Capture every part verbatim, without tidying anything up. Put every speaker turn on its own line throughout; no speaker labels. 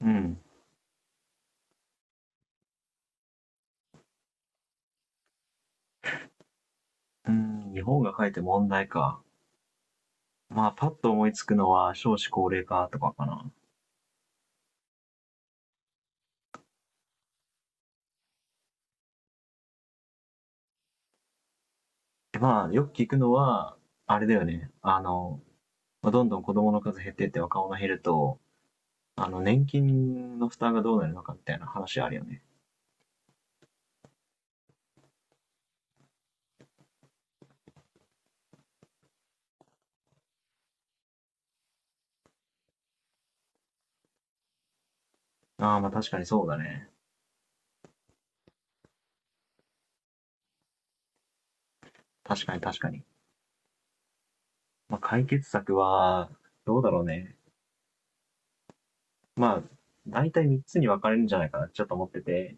うん。うん、日本が書いて問題か。まあ、パッと思いつくのは少子高齢化とかかな。でまあ、よく聞くのは、あれだよね。あの、まあどんどん子供の数減ってって若者減ると、あの、年金の負担がどうなるのかみたいな話あるよね。ああ、まあ確かにそうだね。確かに確かに。まあ解決策は、どうだろうね。まあ、大体みっつに分かれるんじゃないかな、ちょっと思ってて。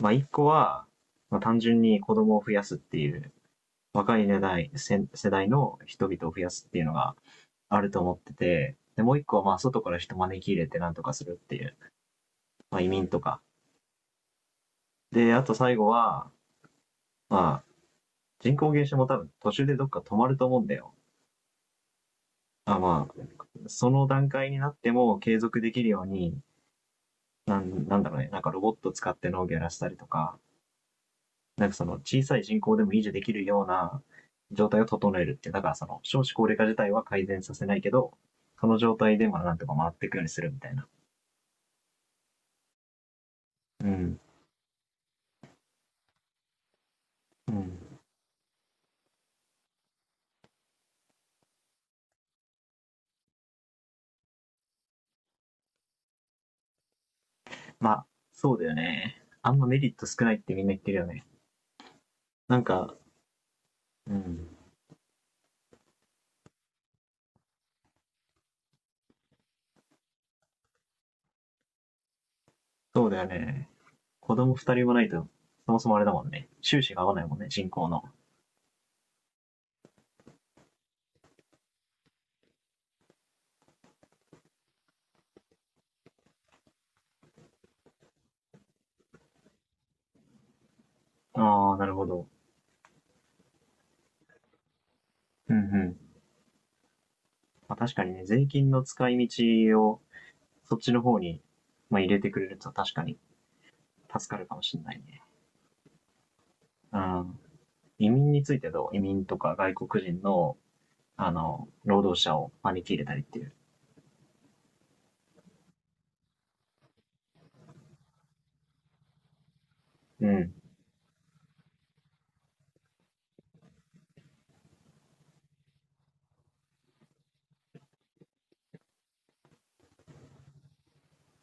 まあいっこは、まあ単純に子供を増やすっていう若い世代、世世代の人々を増やすっていうのがあると思ってて、で、もう一個はまあ外から人招き入れてなんとかするっていう、まあ移民とか。で、あと最後は、まあ人口減少も多分途中でどっか止まると思うんだよ。あまあ、その段階になっても継続できるように、なんなんだろうね、なんかロボット使って農業やらせたりとか、なんかその小さい人口でも維持できるような状態を整えるっていう、だからその少子高齢化自体は改善させないけど、その状態でまあなんとか回っていくようにするみたいな。うん。うん。まあ、そうだよね。あんまメリット少ないってみんな言ってるよね。なんか、うん。そうだよね。こどもふたりもないと、そもそもあれだもんね。収支が合わないもんね、じんこうの。ああ、なるほど。うんうん。まあ確かにね、税金の使い道をそっちの方に、まあ、入れてくれると確かに助かるかもしれないね。うん、移民についてどう移民とか外国人の、あの、労働者を招き入れたりっていう。うん。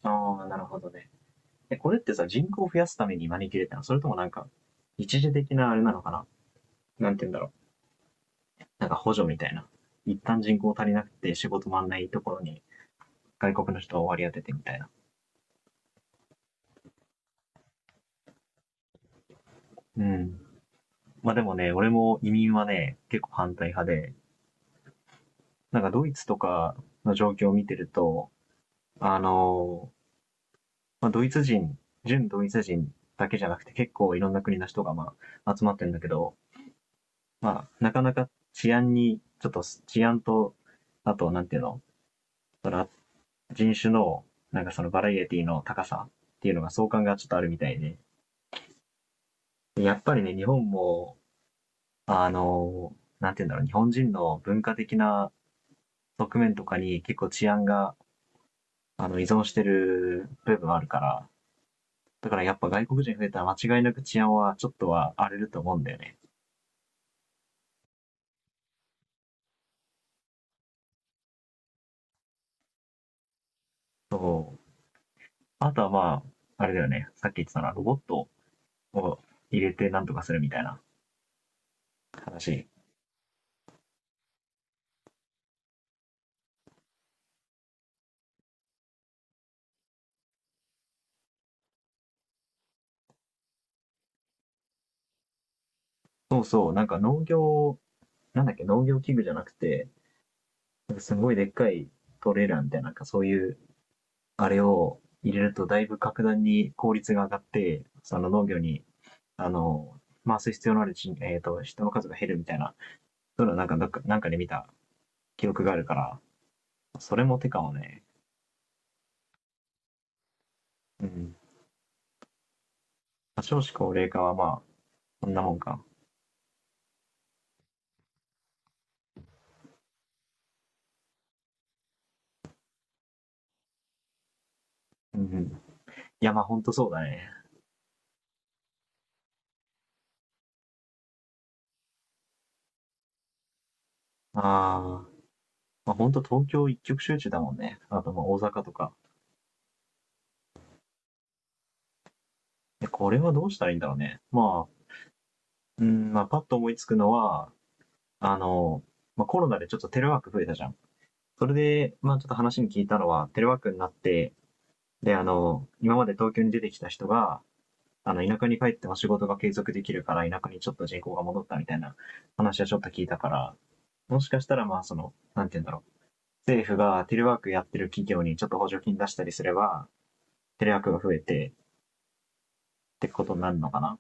ああ、なるほどね。え、これってさ、人口を増やすために招き入れたのそれともなんか、一時的なあれなのかななんて言うんだろう。なんか補助みたいな。一旦人口足りなくて仕事回んないところに外国の人を割り当ててみたいな。うん。まあでもね、俺も移民はね、結構反対派で、なんかドイツとかの状況を見てると、あのまあ、ドイツ人、純ドイツ人だけじゃなくて結構いろんな国の人がまあ集まってるんだけど、まあ、なかなか治安に、ちょっと治安と、あと、なんていうの、その人種の、なんかそのバラエティの高さっていうのが相関がちょっとあるみたいで、やっぱりね、日本も、あの、なんていうんだろう、日本人の文化的な側面とかに結構治安が、あの、依存してる部分あるから、だからやっぱ外国人増えたら間違いなく治安はちょっとは荒れると思うんだよね。そう。あとはまあ、あれだよね。さっき言ってたな、ロボットを入れてなんとかするみたいな話。そうそう。なんか農業、なんだっけ、農業器具じゃなくて、なんかすごいでっかいトレーラーみたいな、なんかそういう、あれを入れるとだいぶ格段に効率が上がって、その農業に、あの、回す必要のある人、えっ、と、人の数が減るみたいな、そういうのなんか、なんかなんかで見た記憶があるから、それも手かもね。うん。多少子高齢化はまあ、こんなもんか。うんうん。いや、まあほんとそうだね。ああ。まあほんと東京一極集中だもんね。あとまあ大阪とか。でこれはどうしたらいいんだろうね。まあ、うん、まあパッと思いつくのは、あの、まあコロナでちょっとテレワーク増えたじゃん。それで、まあちょっと話に聞いたのは、テレワークになって、で、あの、今まで東京に出てきた人が、あの、田舎に帰っても仕事が継続できるから、田舎にちょっと人口が戻ったみたいな話はちょっと聞いたから、もしかしたらまあその、なんて言うんだろう。政府がテレワークやってる企業にちょっと補助金出したりすれば、テレワークが増えてってことになるのかな。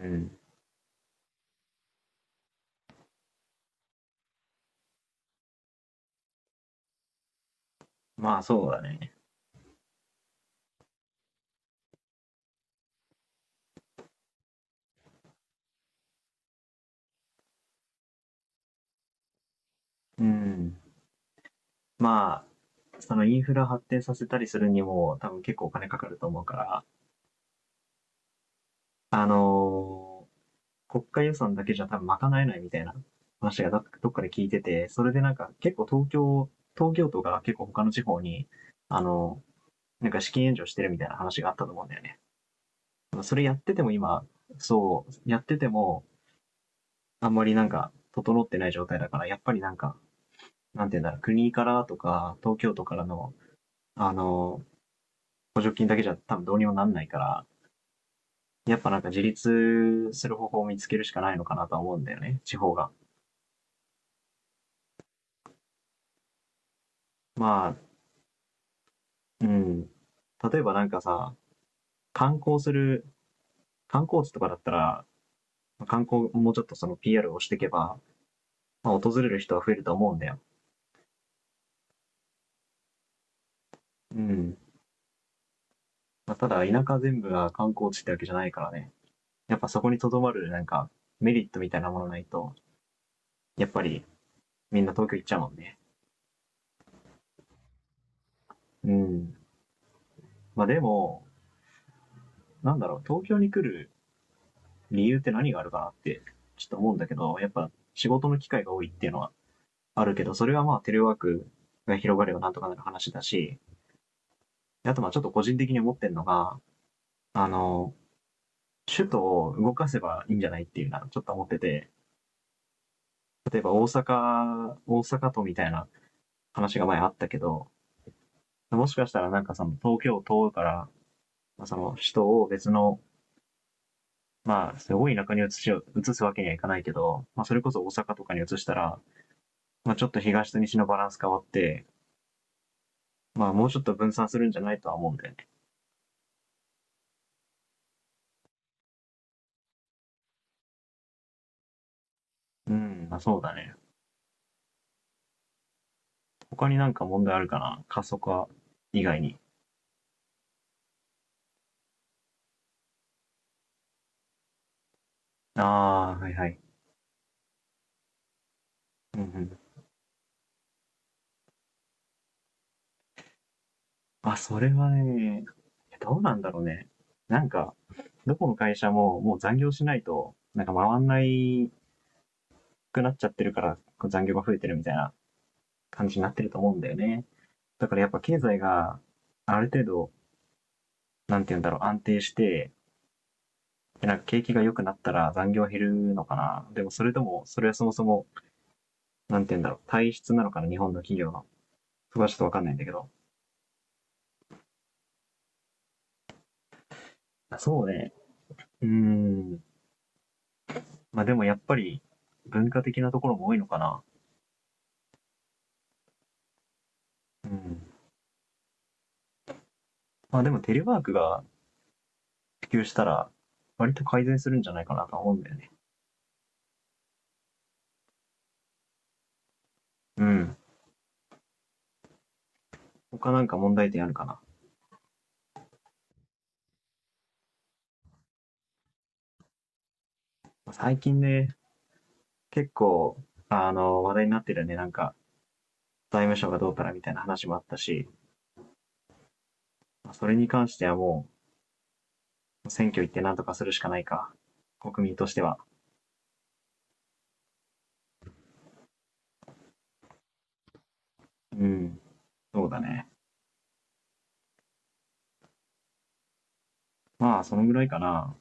うん。まあそうだね。うん。まあ、そのインフラ発展させたりするにも多分結構お金かかると思うから、あのー国家予算だけじゃ多分賄えないみたいな話がどっかで聞いてて、それでなんか結構東京、東京都が結構他の地方に、あのーなんか資金援助してるみたいな話があったと思うんだよね。それやってても今、そう、やっててもあんまりなんか整ってない状態だから、やっぱりなんかなんていうんだろう、国からとか、東京都からの、あの、補助金だけじゃ多分どうにもなんないから、やっぱなんか自立する方法を見つけるしかないのかなとは思うんだよね、地方が。まあ、うん。例えばなんかさ、観光する、観光地とかだったら、観光もうちょっとその ピーアール をしていけば、まあ、訪れる人は増えると思うんだよ。うん。まあ、ただ、田舎全部が観光地ってわけじゃないからね。やっぱそこにとどまるなんかメリットみたいなものないと、やっぱりみんな東京行っちゃうもんね。うん。まあでも、なんだろう、東京に来る理由って何があるかなって、ちょっと思うんだけど、やっぱ仕事の機会が多いっていうのはあるけど、それはまあテレワークが広がればなんとかなる話だし、あとまあちょっと個人的に思ってるのが、あの、首都を動かせばいいんじゃないっていうのはちょっと思ってて、例えば大阪、大阪都みたいな話が前あったけど、もしかしたらなんかその東京都から、その首都を別のまあ、すごい田舎に移しよう移すわけにはいかないけど、まあ、それこそ大阪とかに移したら、まあ、ちょっと東と西のバランス変わって、まあ、もうちょっと分散するんじゃないとは思うんだよね。うん、まあ、そうだね。他になんか問題あるかな過疎化以外に。ああ、はいはい。うんうん。あ、それはね、どうなんだろうね。なんか、どこの会社ももう残業しないと、なんか回んないくなっちゃってるから、こう残業が増えてるみたいな感じになってると思うんだよね。だからやっぱ経済がある程度、なんて言うんだろう、安定して、なんか景気が良くなったら残業減るのかな。でもそれとも、それはそもそも、なんて言うんだろう、体質なのかな、日本の企業の。そこはちょっとわかんないんだけど。そうね。うーん。まあでもやっぱり、文化的なところも多いのかな。うん。まあでもテレワークが普及したら、割と改善するんじゃないかなと思うんだよね。うん。他なんか問題点あるかな。最近ね、結構、あの、話題になってるよね。なんか、財務省がどうからみたいな話もあったし、それに関してはもう、選挙行ってなんとかするしかないか。国民としては。うん。そうだね。まあ、そのぐらいかな。